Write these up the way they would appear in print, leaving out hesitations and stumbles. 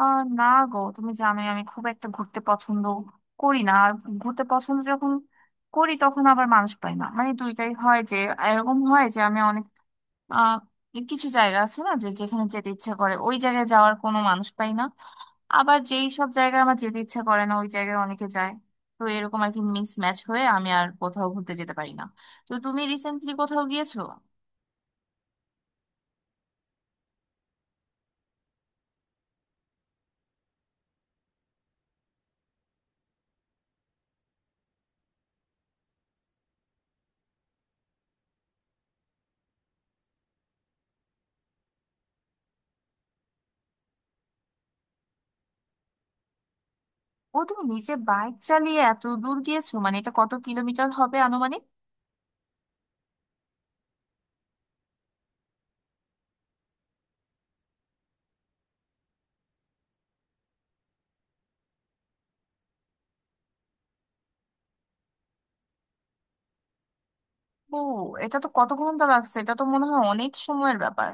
না গো, তুমি জানোই আমি খুব একটা ঘুরতে পছন্দ করি না। আর ঘুরতে পছন্দ যখন করি তখন আবার মানুষ পাই না। মানে দুইটাই হয়, যে এরকম হয় যে আমি অনেক আহ কিছু জায়গা আছে না, যে যেখানে যেতে ইচ্ছা করে ওই জায়গায় যাওয়ার কোনো মানুষ পাই না। আবার যেই সব জায়গায় আমার যেতে ইচ্ছা করে না ওই জায়গায় অনেকে যায়। তো এরকম আর কি মিস ম্যাচ হয়ে আমি আর কোথাও ঘুরতে যেতে পারি না। তো তুমি রিসেন্টলি কোথাও গিয়েছো? ও, তুমি নিজে বাইক চালিয়ে এত দূর গিয়েছো? মানে এটা কত কিলোমিটার হবে আনুমানিক? ও, এটা তো কত ঘন্টা লাগছে, এটা তো মনে হয় অনেক সময়ের ব্যাপার।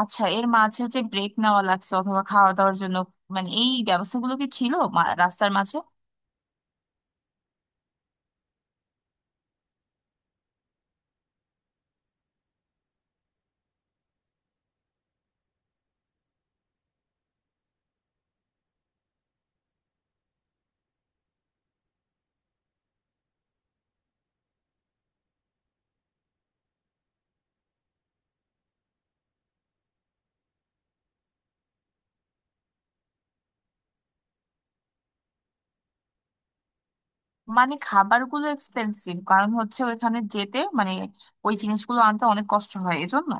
আচ্ছা, এর মাঝে যে ব্রেক নেওয়া লাগছে অথবা খাওয়া দাওয়ার জন্য, মানে এই ব্যবস্থাগুলো কি ছিল রাস্তার মাঝে? মানে খাবারগুলো এক্সপেন্সিভ কারণ হচ্ছে ওইখানে যেতে মানে ওই জিনিসগুলো আনতে অনেক কষ্ট হয় এজন্য?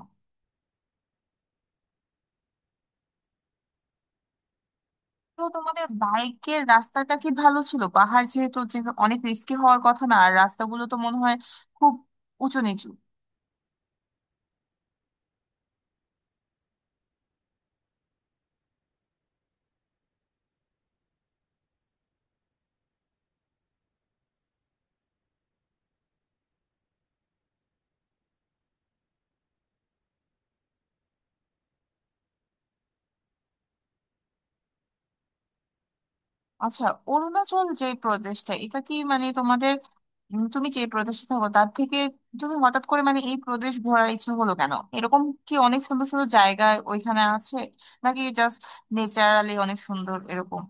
তো তোমাদের বাইকের রাস্তাটা কি ভালো ছিল? পাহাড় যেহেতু, যে অনেক রিস্কি হওয়ার কথা না? আর রাস্তাগুলো তো মনে হয় খুব উঁচু নিচু। আচ্ছা, অরুণাচল যে প্রদেশটা, এটা কি মানে তোমাদের তুমি যে প্রদেশে থাকো তার থেকে তুমি হঠাৎ করে মানে এই প্রদেশ ঘোরার ইচ্ছা হলো কেন? এরকম কি অনেক সুন্দর সুন্দর জায়গা ওইখানে আছে, নাকি জাস্ট নেচারালি অনেক সুন্দর এরকম?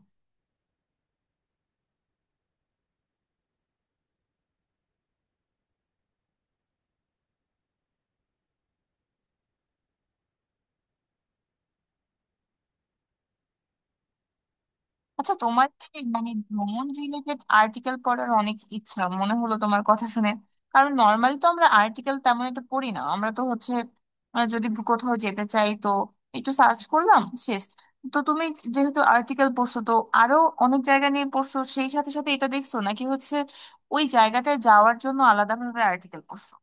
আচ্ছা, তোমার কি মানে ভ্রমণ রিলেটেড আর্টিকেল পড়ার অনেক ইচ্ছা? মনে হলো তোমার কথা শুনে, কারণ নর্মালি তো আমরা আর্টিকেল তেমন একটা পড়ি না। আমরা তো হচ্ছে যদি কোথাও যেতে চাই তো একটু সার্চ করলাম, শেষ। তো তুমি যেহেতু আর্টিকেল পড়ছো, তো আরো অনেক জায়গা নিয়ে পড়ছো সেই সাথে সাথে এটা দেখছো, নাকি হচ্ছে ওই জায়গাটায় যাওয়ার জন্য আলাদাভাবে আর্টিকেল পড়ছো?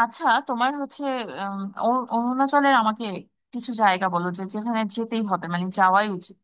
আচ্ছা, তোমার হচ্ছে উম, অরুণাচলের আমাকে কিছু জায়গা বলো, যে যেখানে যেতেই হবে, মানে যাওয়াই উচিত।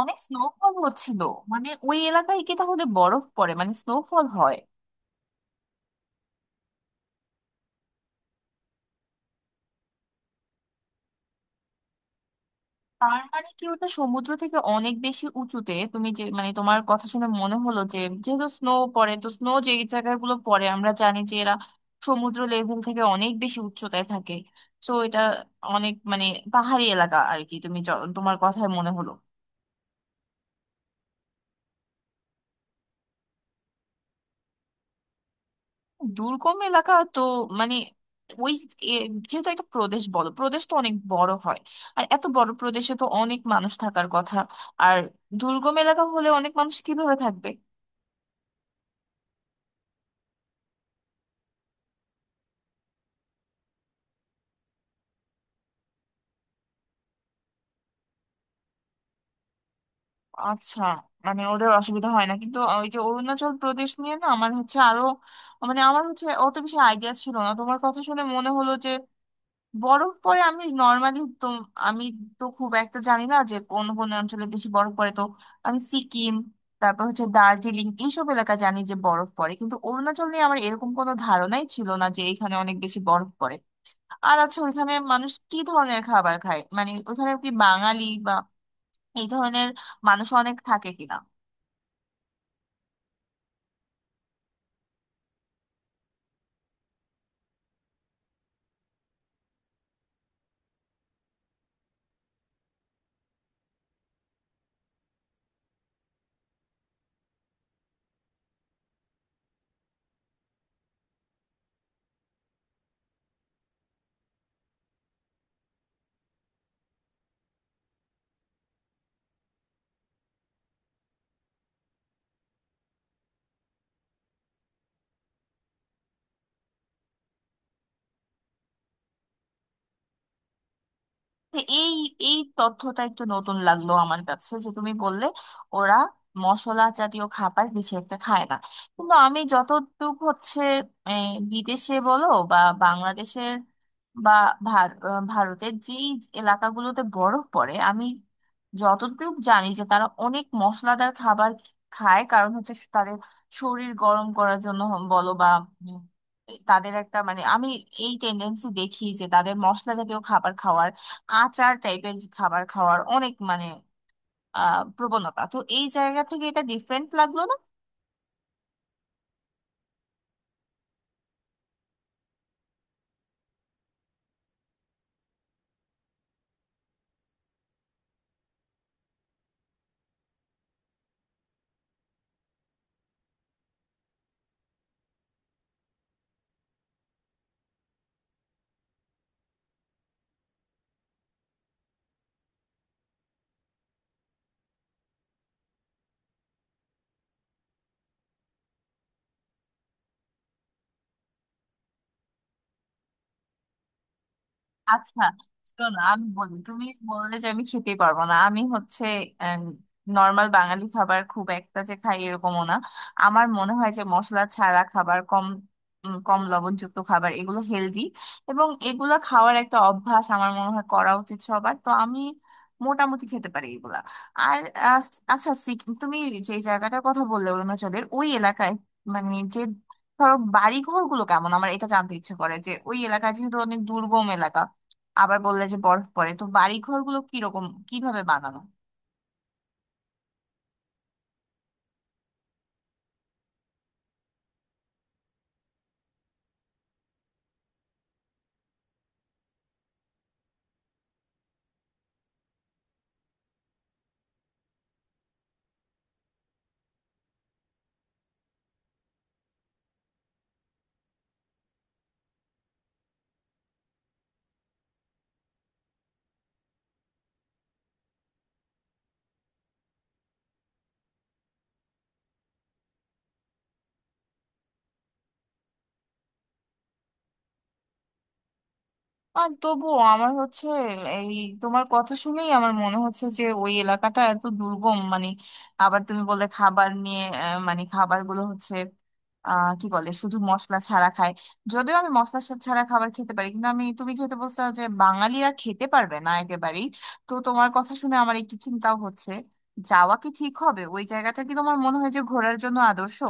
অনেক স্নোফল হচ্ছিল? মানে ওই এলাকায় কি তাহলে বরফ পড়ে, মানে স্নোফল হয়? তার মানে কি ওটা সমুদ্র থেকে অনেক বেশি উঁচুতে? তুমি যে মানে তোমার কথা শুনে মনে হলো যে যেহেতু স্নো পড়ে, তো স্নো যে জায়গাগুলো পড়ে আমরা জানি যে এরা সমুদ্র লেভেল থেকে অনেক বেশি উচ্চতায় থাকে। তো এটা অনেক মানে পাহাড়ি এলাকা আর কি, তুমি তোমার কথায় মনে হলো। দুর্গম এলাকা, তো মানে ওই এ- যেহেতু একটা প্রদেশ বলো, প্রদেশ তো অনেক বড় হয়। আর এত বড় প্রদেশে তো অনেক মানুষ থাকার কথা। আর দুর্গম এলাকা হলে অনেক মানুষ কিভাবে থাকবে? আচ্ছা, মানে ওদের অসুবিধা হয় না, কিন্তু ওই যে অরুণাচল প্রদেশ নিয়ে না আমার হচ্ছে আরো, মানে আমার হচ্ছে অত বেশি আইডিয়া ছিল না। তোমার কথা শুনে মনে হলো বরফ পরে। আমি নর্মালি তো আমি তো খুব একটা জানি না যে কোন কোন অঞ্চলে বেশি বরফ পড়ে। তো আমি সিকিম, তারপর হচ্ছে দার্জিলিং, এইসব এলাকা জানি যে বরফ পড়ে, কিন্তু অরুণাচল নিয়ে আমার এরকম কোনো ধারণাই ছিল না যে এখানে অনেক বেশি বরফ পড়ে। আর আচ্ছা, ওইখানে মানুষ কি ধরনের খাবার খায়? মানে ওইখানে কি বাঙালি বা এই ধরনের মানুষ অনেক থাকে কিনা? তো এই এই তথ্যটা একটু নতুন লাগলো আমার কাছে, যে তুমি বললে ওরা মশলা জাতীয় খাবার বেশি একটা খায় না। কিন্তু আমি যতটুকু হচ্ছে এই, বিদেশে বলো বা বাংলাদেশের বা ভারতের যেই এলাকাগুলোতে বরফ পড়ে, আমি যতটুকু জানি যে তারা অনেক মশলাদার খাবার খায় কারণ হচ্ছে তাদের শরীর গরম করার জন্য। হম, বলো বা উম, তাদের একটা মানে আমি এই টেন্ডেন্সি দেখি যে তাদের মশলা জাতীয় খাবার খাওয়ার, আচার টাইপের খাবার খাওয়ার অনেক মানে প্রবণতা। তো এই জায়গা থেকে এটা ডিফারেন্ট লাগলো না। আচ্ছা, শোনো আমি বলি, তুমি বললে যে আমি খেতেই পারবো না। আমি হচ্ছে নর্মাল বাঙালি খাবার খুব একটা যে খাই এরকমও না। আমার মনে হয় যে মশলা ছাড়া খাবার, কম কম লবণযুক্ত খাবার এগুলো হেলদি, এবং এগুলো খাওয়ার একটা অভ্যাস আমার মনে হয় করা উচিত সবার। তো আমি মোটামুটি খেতে পারি এগুলা। আর আহ, আচ্ছা, তুমি যে জায়গাটার কথা বললে অরুণাচলের ওই এলাকায়, মানে যে ধরো বাড়ি ঘরগুলো কেমন? আমার এটা জানতে ইচ্ছে করে, যে ওই এলাকা যেহেতু অনেক দুর্গম এলাকা, আবার বললে যে বরফ পড়ে, তো বাড়ি ঘরগুলো কিরকম, কিভাবে বানানো? আর তবুও আমার হচ্ছে এই, তোমার কথা শুনেই আমার মনে হচ্ছে যে ওই এলাকাটা এত দুর্গম মানে, আবার তুমি বললে খাবার নিয়ে, মানে খাবারগুলো হচ্ছে কি বলে, শুধু মশলা ছাড়া খায়। যদিও আমি মশলা ছাড়া খাবার খেতে পারি, কিন্তু আমি, তুমি যেহেতু বলছো যে বাঙালিরা খেতে পারবে না একেবারেই, তো তোমার কথা শুনে আমার একটু চিন্তাও হচ্ছে যাওয়া কি ঠিক হবে। ওই জায়গাটা কি তোমার মনে হয় যে ঘোরার জন্য আদর্শ?